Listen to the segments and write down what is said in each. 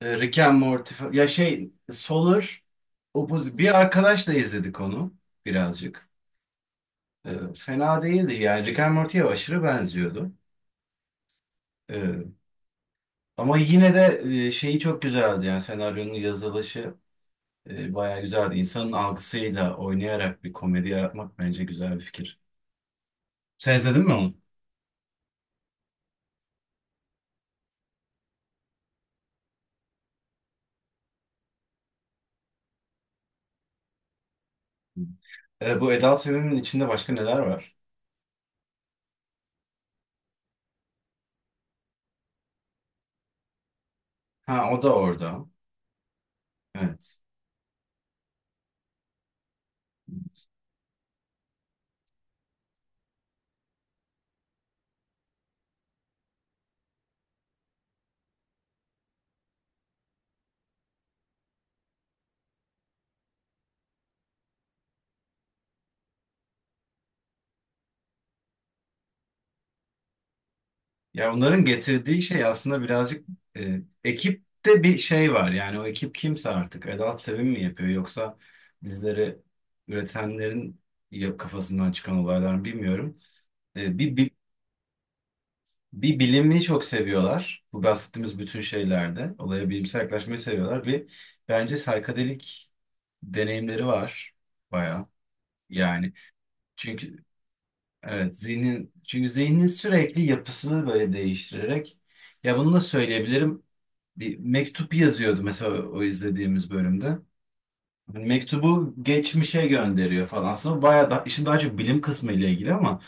Rick and Morty ya Solar Opposite. Bir arkadaşla izledik onu birazcık. Fena değildi yani. Rick and Morty'ye aşırı benziyordu. E, Ama yine de şeyi çok güzeldi yani senaryonun yazılışı bayağı güzeldi. İnsanın algısıyla oynayarak bir komedi yaratmak bence güzel bir fikir. Sen izledin mi onu? Bu Adult Swim'in içinde başka neler var? Ha, o da orada. Evet. Ya onların getirdiği şey aslında birazcık ekipte bir şey var. Yani o ekip kimse artık. Edalt Sevim mi yapıyor yoksa bizleri üretenlerin kafasından çıkan olaylar mı bilmiyorum. E, bir, bir, bir bilimi çok seviyorlar. Bu bahsettiğimiz bütün şeylerde. Olaya bilimsel yaklaşmayı seviyorlar. Bir bence saykadelik deneyimleri var bayağı. Yani çünkü evet zihnin zihnin sürekli yapısını böyle değiştirerek, ya bunu da söyleyebilirim, bir mektup yazıyordu mesela o izlediğimiz bölümde. Hani mektubu geçmişe gönderiyor falan. Aslında bayağı da işin daha çok bilim kısmı ile ilgili ama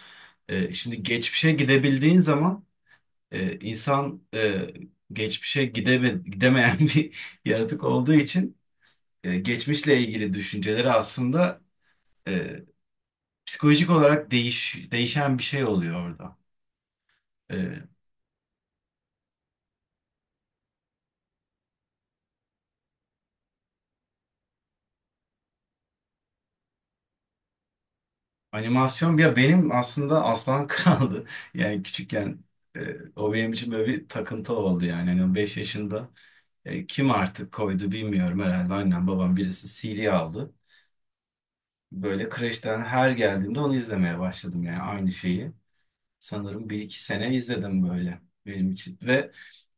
şimdi geçmişe gidebildiğin zaman insan geçmişe gidemeyen bir yaratık olduğu için geçmişle ilgili düşünceleri aslında e, psikolojik olarak değişen bir şey oluyor orada. E, Animasyon ya benim aslında Aslan Kral'dı. Yani küçükken o benim için böyle bir takıntı oldu yani. Hani 5 yaşında kim artık koydu bilmiyorum, herhalde annem babam birisi CD aldı. Böyle kreşten her geldiğimde onu izlemeye başladım yani aynı şeyi. Sanırım bir iki sene izledim böyle benim için. Ve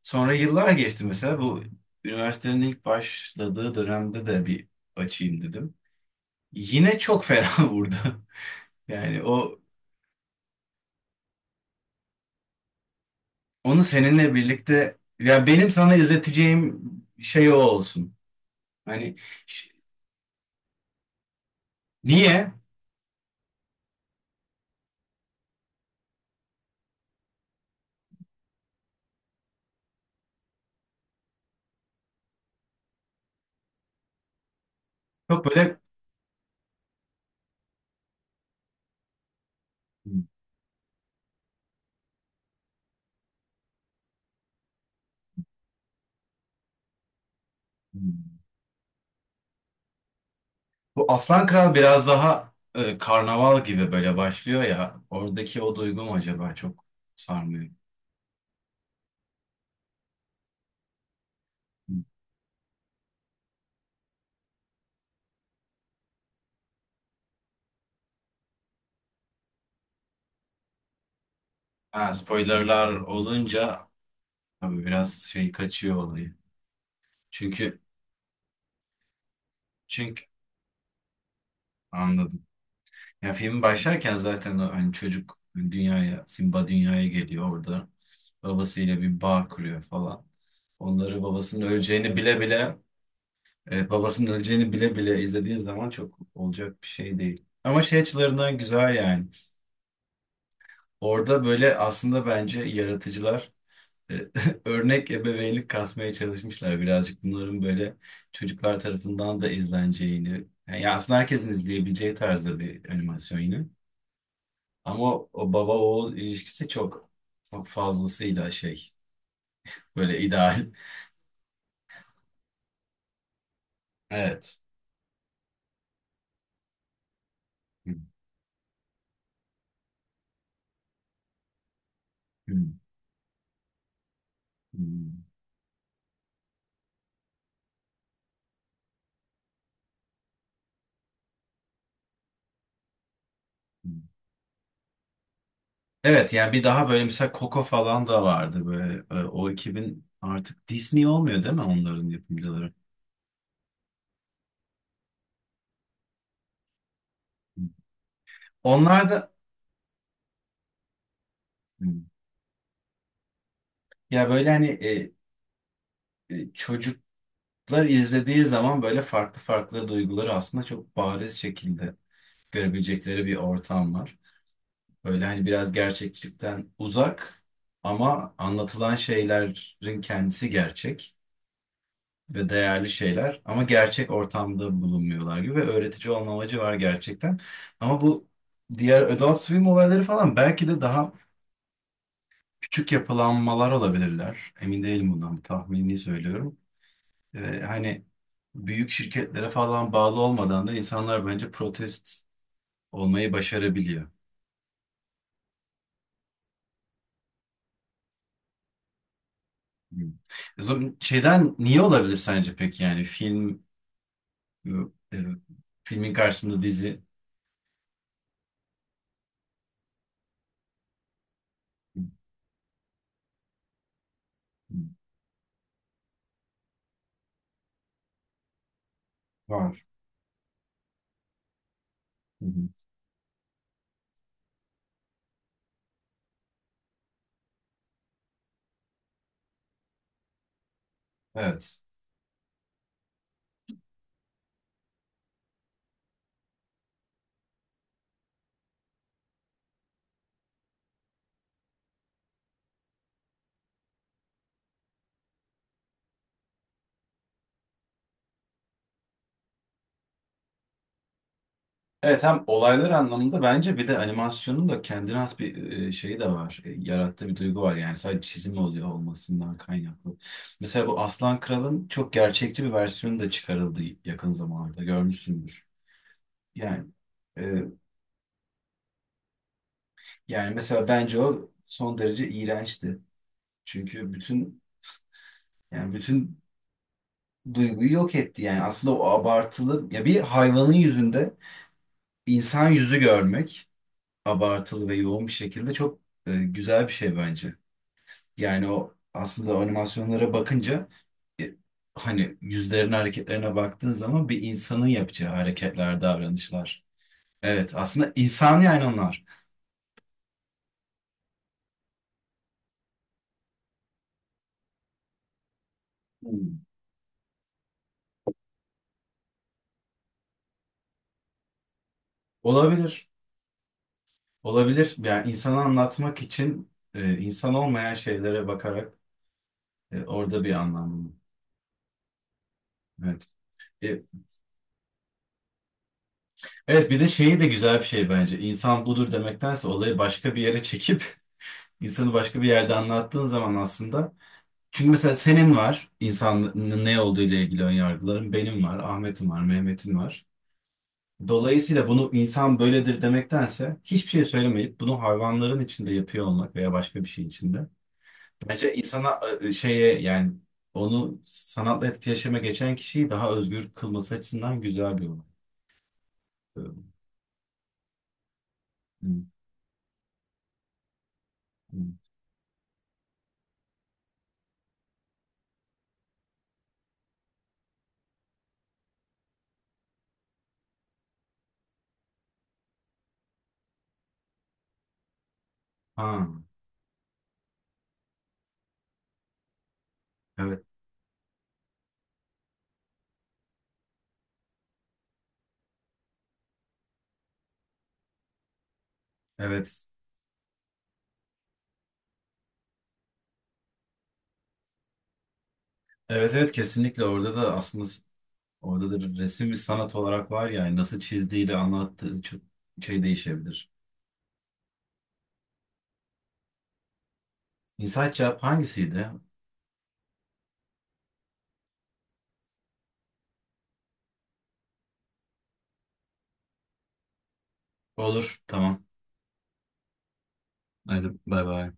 sonra yıllar geçti. Mesela bu üniversitenin ilk başladığı dönemde de bir açayım dedim. Yine çok fena vurdu. Yani o onu seninle birlikte, ya benim sana izleteceğim şey o olsun. Hani ş- niye? Çok böyle bu Aslan Kral biraz daha karnaval gibi böyle başlıyor ya. Oradaki o duygu mu acaba çok sarmıyor. Ha, spoilerlar olunca tabii biraz şey kaçıyor olayı. Çünkü çünkü anladım. Ya film başlarken zaten o hani çocuk dünyaya, Simba dünyaya geliyor orada. Babasıyla bir bağ kuruyor falan. Onları babasının öleceğini bile bile e, Babasının öleceğini bile bile izlediğin zaman çok olacak bir şey değil. Ama şey açılarından güzel yani. Orada böyle aslında bence yaratıcılar e, örnek ebeveynlik kasmaya çalışmışlar. Birazcık bunların böyle çocuklar tarafından da izleneceğini. Yani aslında herkesin izleyebileceği tarzda bir animasyon yine. Ama o baba oğul ilişkisi çok fazlasıyla şey, böyle ideal. Evet. Hı. Hı. Hmm. Evet, yani bir daha böyle mesela Coco falan da vardı böyle. O ekibin artık Disney olmuyor değil mi, onların yapımcıları? Hmm. Onlar da. Hmm. Ya böyle hani çocuklar izlediği zaman böyle farklı farklı duyguları aslında çok bariz şekilde görebilecekleri bir ortam var. Böyle hani biraz gerçekçilikten uzak ama anlatılan şeylerin kendisi gerçek. Ve değerli şeyler ama gerçek ortamda bulunmuyorlar gibi ve öğretici olma amacı var gerçekten. Ama bu diğer adult swim olayları falan belki de daha küçük yapılanmalar olabilirler. Emin değilim bundan, bir tahmini söylüyorum. Hani büyük şirketlere falan bağlı olmadan da insanlar bence protest olmayı başarabiliyor. Hmm. O zaman şeyden niye olabilir sence peki, yani film e, e, filmin karşısında dizi var. Hı hı. Evet. Evet, hem olaylar anlamında bence, bir de animasyonun da kendine has bir şeyi de var. Yarattığı bir duygu var yani, sadece çizim oluyor olmasından kaynaklı. Mesela bu Aslan Kral'ın çok gerçekçi bir versiyonu da çıkarıldı yakın zamanlarda, görmüşsündür. Yani e, yani mesela bence o son derece iğrençti. Çünkü bütün yani bütün duyguyu yok etti yani. Aslında o abartılı, ya bir hayvanın yüzünde insan yüzü görmek abartılı ve yoğun bir şekilde çok güzel bir şey bence. Yani o aslında animasyonlara bakınca e, hani yüzlerine hareketlerine baktığın zaman bir insanın yapacağı hareketler, davranışlar. Evet, aslında insan yani onlar. Hmm. Olabilir. Olabilir. Yani insanı anlatmak için insan olmayan şeylere bakarak orada bir anlam var. Evet. E, evet, bir de şeyi de güzel bir şey bence. İnsan budur demektense olayı başka bir yere çekip insanı başka bir yerde anlattığın zaman aslında, çünkü mesela senin var insanın ne olduğu ile ilgili ön yargıların, benim var, Ahmet'in var, Mehmet'in var. Dolayısıyla bunu insan böyledir demektense hiçbir şey söylemeyip bunu hayvanların içinde yapıyor olmak veya başka bir şey içinde. Bence insana şeye yani, onu sanatla etkileşime geçen kişiyi daha özgür kılması açısından güzel bir olay. Ee, hı, hı. Ha, evet, evet. Evet, evet, kesinlikle orada da aslında orada da bir resim, bir sanat olarak var ya, yani nasıl çizdiğiyle anlattığı çok şey değişebilir. İnsaç Cevap hangisiydi? Olur, tamam. Hadi bay bay.